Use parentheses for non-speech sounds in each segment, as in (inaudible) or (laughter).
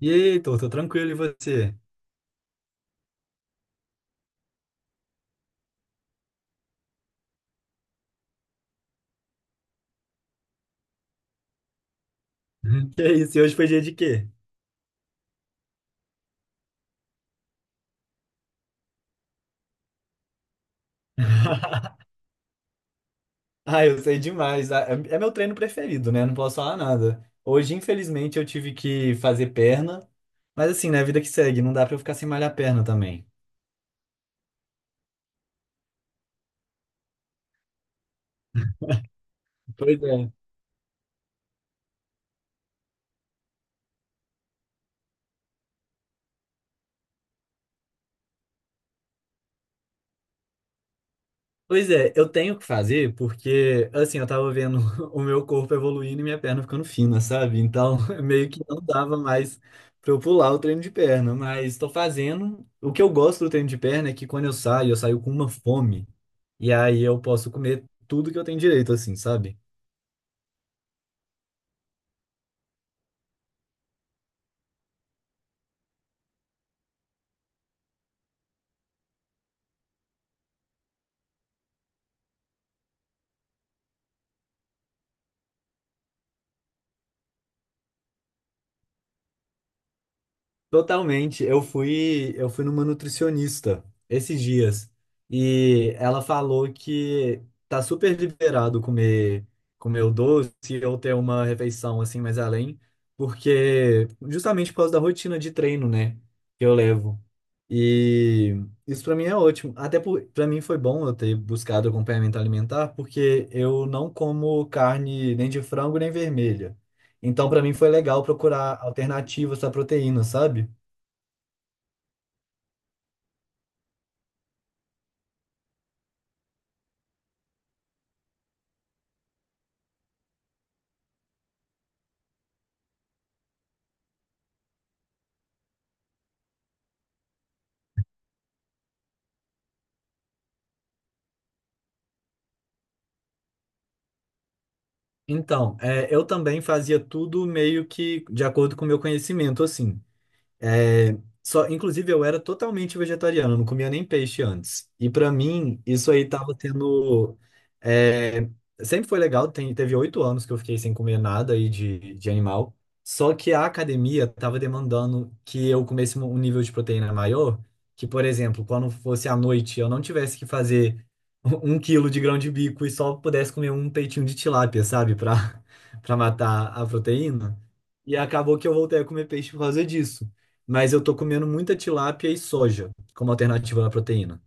E aí, Heitor, tô tranquilo, e você? (laughs) Uhum. Que isso, e hoje foi dia de quê? Ah, eu sei demais. É meu treino preferido, né? Não posso falar nada. Hoje, infelizmente, eu tive que fazer perna, mas assim, né? A vida que segue, não dá pra eu ficar sem malhar perna também. Pois é. Pois é, eu tenho que fazer porque, assim, eu tava vendo (laughs) o meu corpo evoluindo e minha perna ficando fina, sabe? Então, (laughs) meio que não dava mais pra eu pular o treino de perna, mas tô fazendo. O que eu gosto do treino de perna é que quando eu saio com uma fome. E aí eu posso comer tudo que eu tenho direito, assim, sabe? Totalmente. Eu fui numa nutricionista esses dias e ela falou que tá super liberado comer o doce ou ter uma refeição assim mais além, porque justamente por causa da rotina de treino, né, que eu levo. E isso pra mim é ótimo. Para mim foi bom eu ter buscado acompanhamento alimentar, porque eu não como carne nem de frango nem vermelha. Então pra mim foi legal procurar alternativas à proteína, sabe? Então, é, eu também fazia tudo meio que de acordo com o meu conhecimento, assim. É, só, inclusive, eu era totalmente vegetariano, não comia nem peixe antes. E pra mim, isso aí tava tendo. É, sempre foi legal, teve 8 anos que eu fiquei sem comer nada aí de animal. Só que a academia tava demandando que eu comesse um nível de proteína maior, que, por exemplo, quando fosse à noite, eu não tivesse que fazer (laughs) um quilo de grão de bico e só pudesse comer um peitinho de tilápia, sabe? (laughs) Pra matar a proteína. E acabou que eu voltei a comer peixe por causa disso, mas eu tô comendo muita tilápia e soja como alternativa à proteína.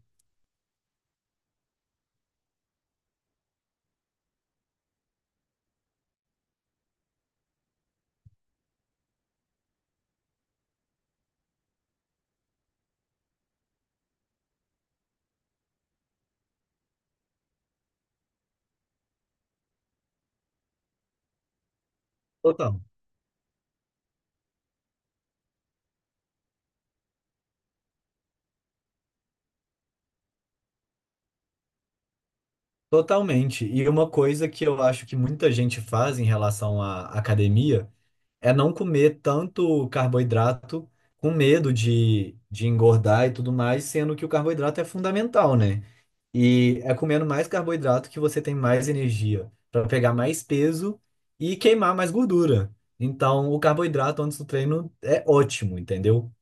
Total. Totalmente. E uma coisa que eu acho que muita gente faz em relação à academia é não comer tanto carboidrato com medo de engordar e tudo mais, sendo que o carboidrato é fundamental, né? E é comendo mais carboidrato que você tem mais energia para pegar mais peso e queimar mais gordura. Então, o carboidrato antes do treino é ótimo, entendeu?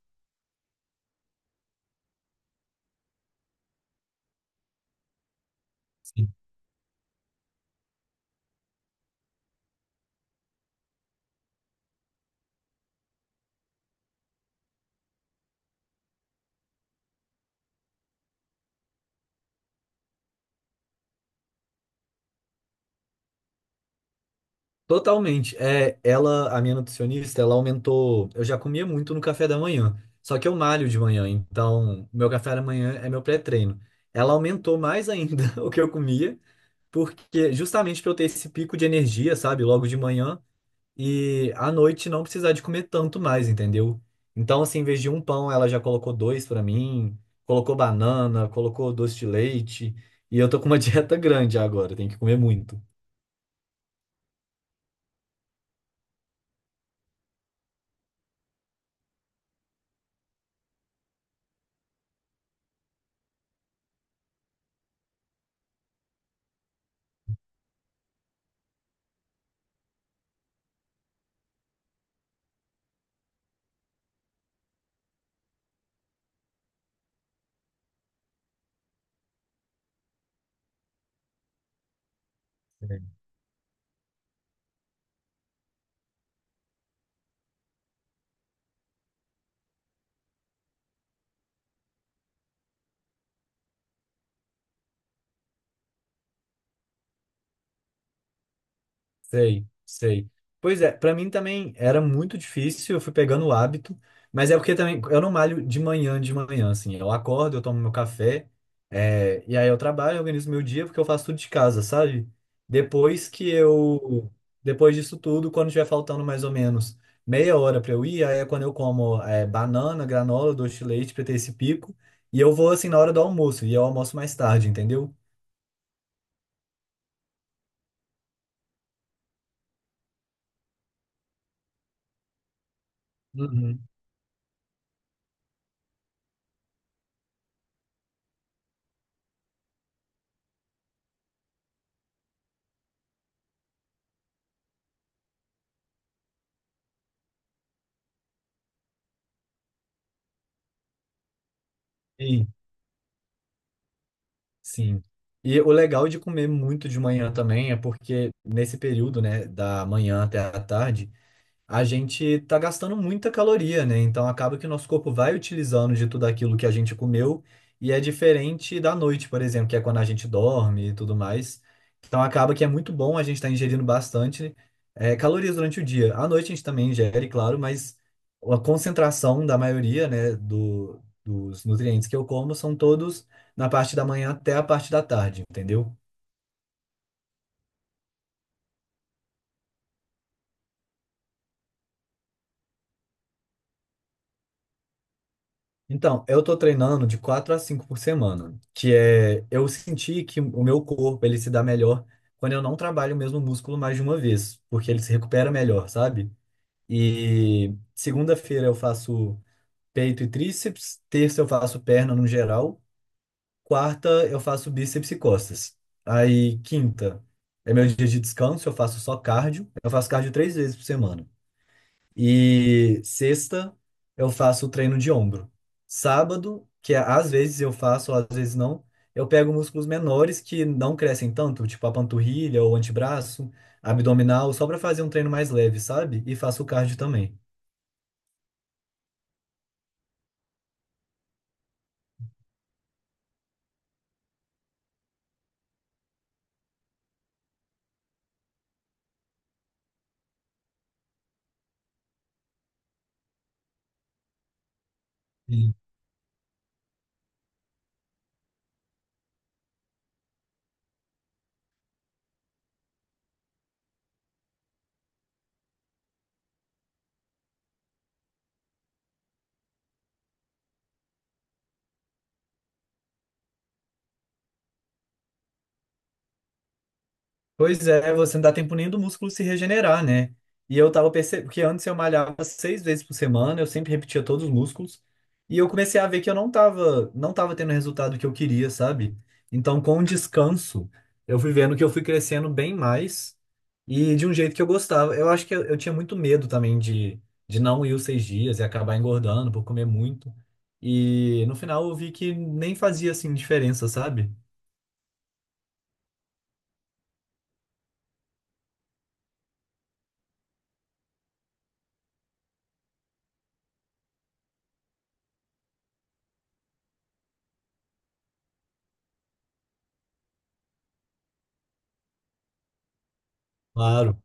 Totalmente. É, ela, a minha nutricionista, ela aumentou. Eu já comia muito no café da manhã, só que eu malho de manhã, então meu café da manhã é meu pré-treino. Ela aumentou mais ainda (laughs) o que eu comia, porque justamente para eu ter esse pico de energia, sabe, logo de manhã e à noite não precisar de comer tanto mais, entendeu? Então, assim, em vez de um pão, ela já colocou dois para mim, colocou banana, colocou doce de leite, e eu tô com uma (laughs) dieta grande agora, tenho que comer muito. Sei, sei. Pois é, pra mim também era muito difícil, eu fui pegando o hábito, mas é porque também eu não malho de manhã, assim, eu acordo, eu tomo meu café, é, e aí eu trabalho, eu organizo meu dia, porque eu faço tudo de casa, sabe? Depois que eu, Depois disso tudo, quando tiver faltando mais ou menos meia hora pra eu ir, aí é quando eu como, é, banana, granola, doce de leite pra ter esse pico, e eu vou assim na hora do almoço, e eu almoço mais tarde, entendeu? Uhum. Sim. Sim. E o legal de comer muito de manhã também é porque nesse período, né, da manhã até a tarde, a gente tá gastando muita caloria, né? Então acaba que o nosso corpo vai utilizando de tudo aquilo que a gente comeu e é diferente da noite, por exemplo, que é quando a gente dorme e tudo mais. Então acaba que é muito bom a gente estar ingerindo bastante calorias durante o dia. À noite a gente também ingere, claro, mas a concentração da maioria, né, dos nutrientes que eu como são todos na parte da manhã até a parte da tarde, entendeu? Então, eu tô treinando de 4 a 5 por semana, que é eu senti que o meu corpo ele se dá melhor quando eu não trabalho o mesmo músculo mais de uma vez, porque ele se recupera melhor, sabe? E segunda-feira eu faço peito e tríceps, terça eu faço perna no geral, quarta eu faço bíceps e costas. Aí quinta é meu dia de descanso, eu faço só cardio, eu faço cardio 3 vezes por semana. E sexta eu faço o treino de ombro. Sábado, que é, às vezes eu faço, às vezes não, eu pego músculos menores que não crescem tanto, tipo a panturrilha ou antebraço, abdominal, só para fazer um treino mais leve, sabe? E faço o cardio também. Pois é, você não dá tempo nem do músculo se regenerar, né? E eu tava percebendo que antes eu malhava 6 vezes por semana, eu sempre repetia todos os músculos, e eu comecei a ver que eu não tava tendo o resultado que eu queria, sabe? Então, com o descanso, eu fui vendo que eu fui crescendo bem mais e de um jeito que eu gostava. Eu acho que eu tinha muito medo também de não ir os 6 dias e acabar engordando por comer muito. E no final eu vi que nem fazia assim diferença, sabe? Claro.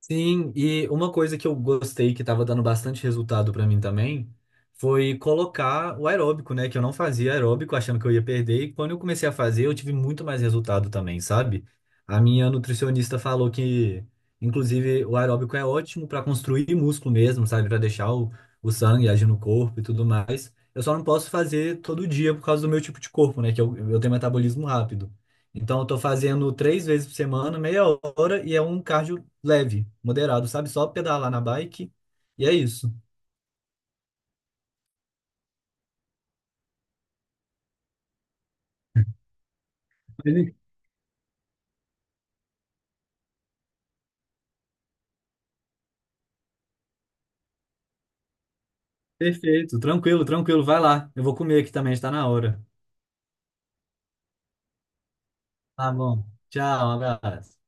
Sim, e uma coisa que eu gostei que estava dando bastante resultado para mim também foi colocar o aeróbico, né? Que eu não fazia aeróbico achando que eu ia perder, e quando eu comecei a fazer, eu tive muito mais resultado também, sabe? A minha nutricionista falou que, inclusive, o aeróbico é ótimo para construir músculo mesmo, sabe? Para deixar o sangue agir no corpo e tudo mais. Eu só não posso fazer todo dia por causa do meu tipo de corpo, né? Que eu tenho metabolismo rápido. Então, eu tô fazendo 3 vezes por semana, meia hora, e é um cardio leve, moderado, sabe? Só pedalar na bike. E é isso. Ele- Perfeito, tranquilo, tranquilo. Vai lá. Eu vou comer aqui também, está na hora. Tá bom. Tchau, um abraço.